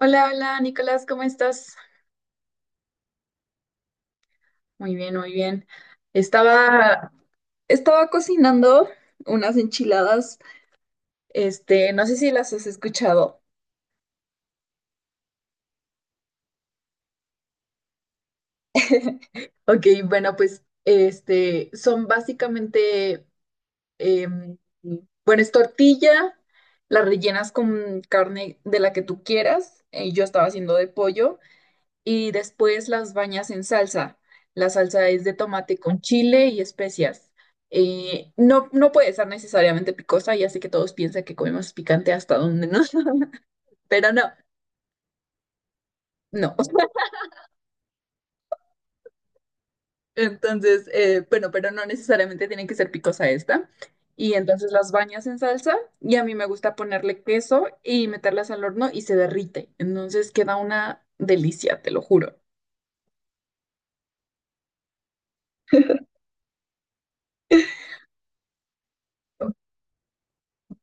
Hola, hola, Nicolás, ¿cómo estás? Muy bien, muy bien. Estaba, estaba cocinando unas enchiladas. Este, no sé si las has escuchado. Ok, bueno, pues este, son básicamente, em, bueno, es tortilla, la rellenas con carne de la que tú quieras. Yo estaba haciendo de pollo. Y después las bañas en salsa. La salsa es de tomate con chile y especias. No, no puede ser necesariamente picosa, ya sé que todos piensan que comemos picante hasta donde no, pero no, no. Entonces, bueno, pero no necesariamente tiene que ser picosa esta. Y entonces las bañas en salsa y a mí me gusta ponerle queso y meterlas al horno y se derrite. Entonces queda una delicia, te lo juro.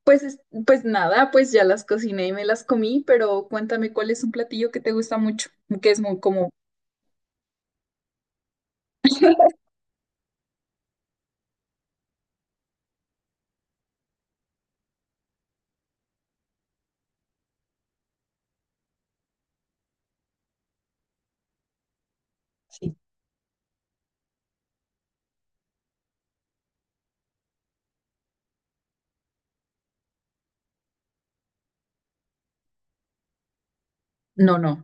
Pues, es- pues nada, pues ya las cociné y me las comí, pero cuéntame cuál es un platillo que te gusta mucho, que es muy como, sí. No, no.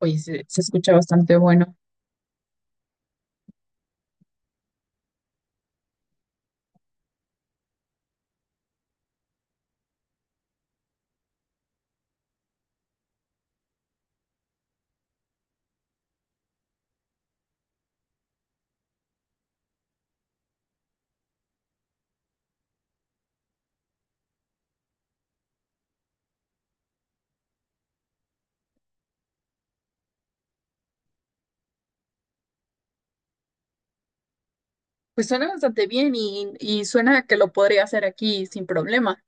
Oye, se escucha bastante bueno. Pues suena bastante bien y suena que lo podría hacer aquí sin problema.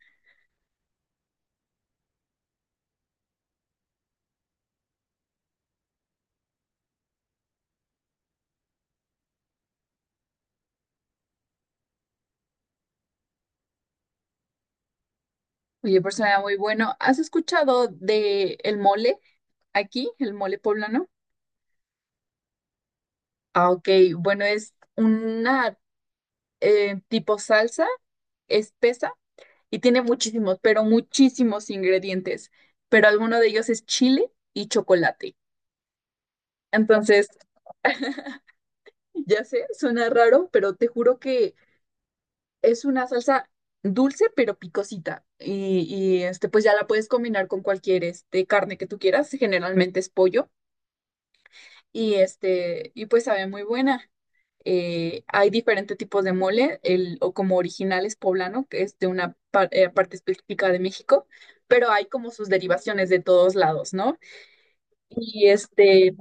Oye, pues suena muy bueno. ¿Has escuchado de el mole aquí, el mole poblano? Ah, ok, bueno, es una tipo salsa espesa y tiene muchísimos, pero muchísimos ingredientes, pero alguno de ellos es chile y chocolate. Entonces, ya sé, suena raro, pero te juro que es una salsa dulce pero picosita. Y, este, pues ya la puedes combinar con cualquier este, carne que tú quieras, generalmente es pollo, y este, y pues sabe muy buena. Hay diferentes tipos de mole, el, o como original es poblano, que es de una parte específica de México, pero hay como sus derivaciones de todos lados, ¿no? Y este,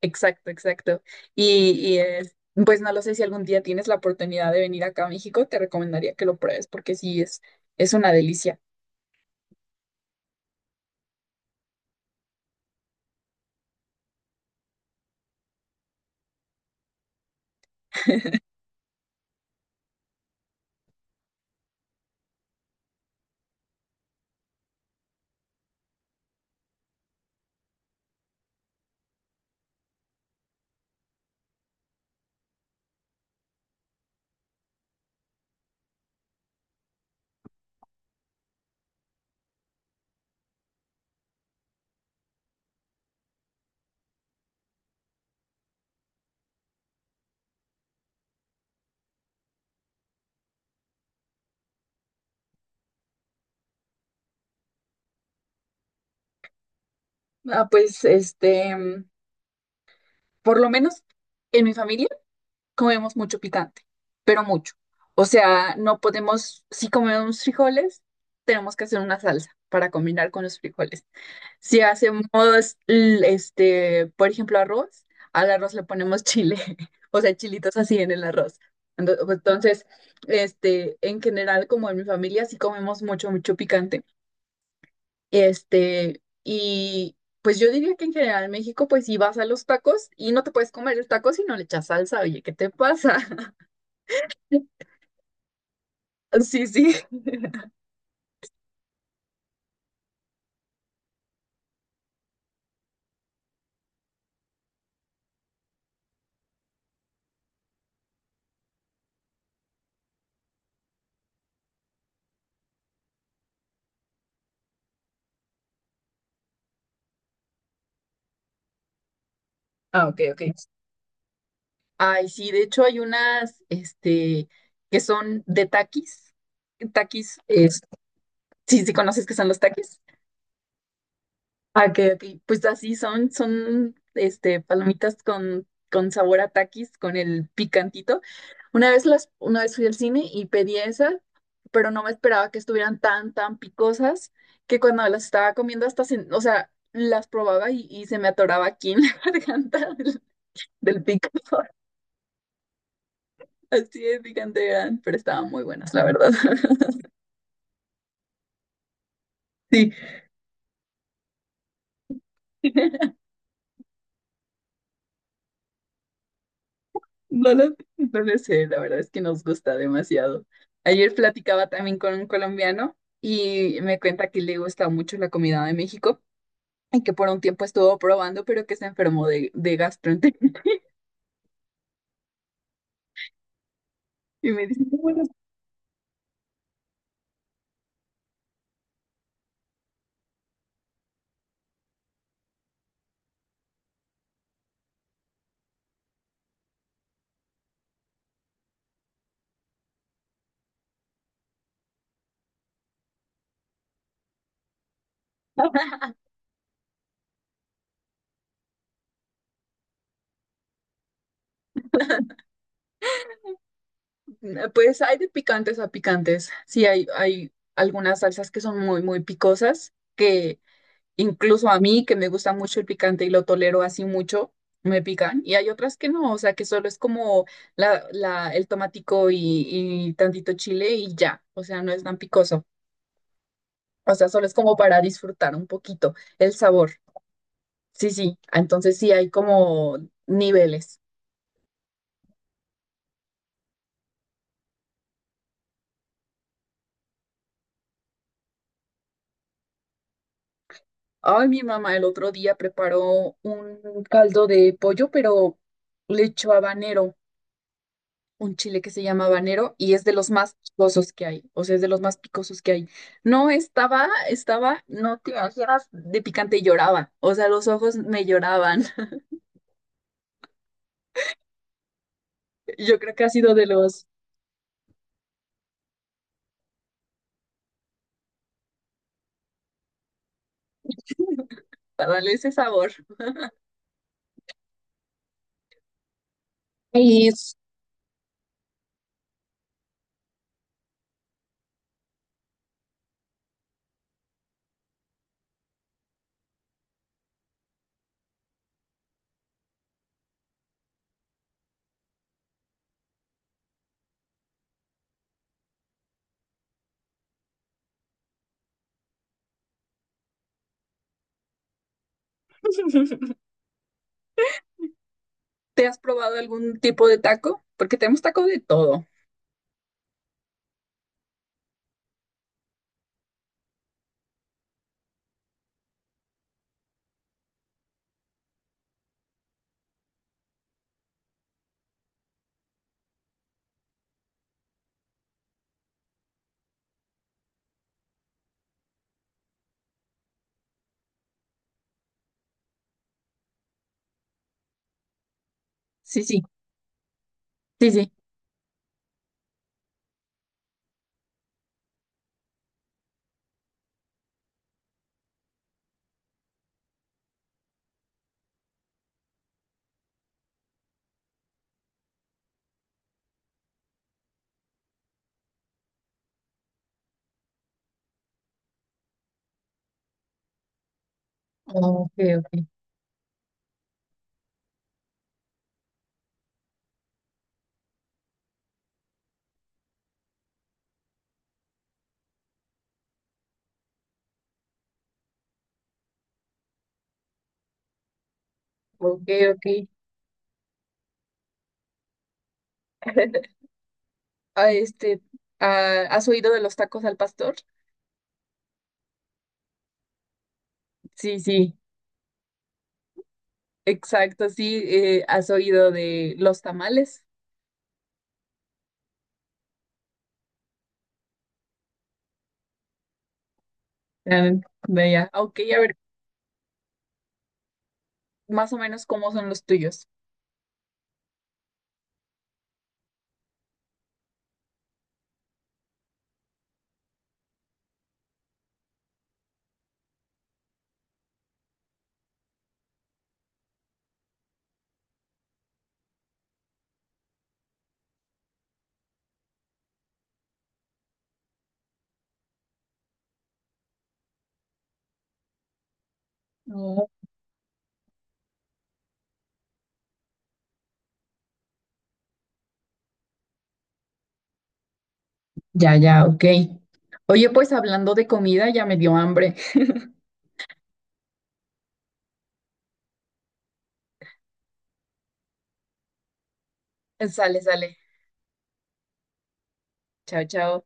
exacto, exacto. Y, y es- pues no lo sé si algún día tienes la oportunidad de venir acá a México, te recomendaría que lo pruebes porque sí es una delicia. Ah, pues este, por lo menos en mi familia. Comemos mucho picante, pero mucho. O sea, no podemos, si comemos frijoles, tenemos que hacer una salsa para combinar con los frijoles. Si hacemos, este, por ejemplo, arroz, al arroz le ponemos chile, o sea, chilitos así en el arroz. Pues, entonces, este, en general, como en mi familia, sí comemos mucho, mucho picante. Este, y pues yo diría que en general en México, pues si vas a los tacos y no te puedes comer el taco si no le echas salsa, oye, ¿qué te pasa? Sí, sí. Ah, ok, ok. Ay, sí, de hecho hay unas, este, que son de taquis. Taquis, sí, sí conoces que son los taquis. Ah, ok, ok. Pues así son, este, palomitas con sabor a taquis, con el picantito. Una vez fui al cine y pedí esas, pero no me esperaba que estuvieran tan, tan picosas, que cuando las estaba comiendo hasta, o sea, las probaba y se me atoraba aquí en la garganta del pico. Así es, gigante eran, pero estaban muy buenas, la verdad. Sí, no lo sé, la verdad es que nos gusta demasiado. Ayer platicaba también con un colombiano y me cuenta que le gusta mucho la comida de México y que por un tiempo estuvo probando, pero que se enfermó de gastroenteritis. Y me dice, "No, bueno, pues hay de picantes a picantes. Sí, hay algunas salsas que son muy, muy picosas, que incluso a mí, que me gusta mucho el picante y lo tolero así mucho, me pican. Y hay otras que no, o sea, que solo es como el tomatico y tantito chile y ya. O sea, no es tan picoso. O sea, solo es como para disfrutar un poquito el sabor. Sí, sí. Entonces sí hay como niveles. Ay, mi mamá el otro día preparó un caldo de pollo, pero le echó habanero. Un chile que se llama habanero y es de los más picosos que hay, o sea, es de los más picosos que hay. No, estaba, no te imaginas, de picante y lloraba, o sea, los ojos me lloraban. Yo creo que ha sido de los para darle ese sabor. ¿Y es- Te has probado algún tipo de taco? Porque tenemos taco de todo. Sí, sí, sí, sí. Ok, ok. Ok, ok. Ah, este, ah, ¿has oído de los tacos al pastor? Sí, sí. Exacto, sí, has oído de los tamales. Ah, de allá. Ok, a ver, más o menos cómo son los tuyos. Oh, ya, ya, ok. Oye, pues hablando de comida, ya me dio hambre. Sale, sale. Chao, chao.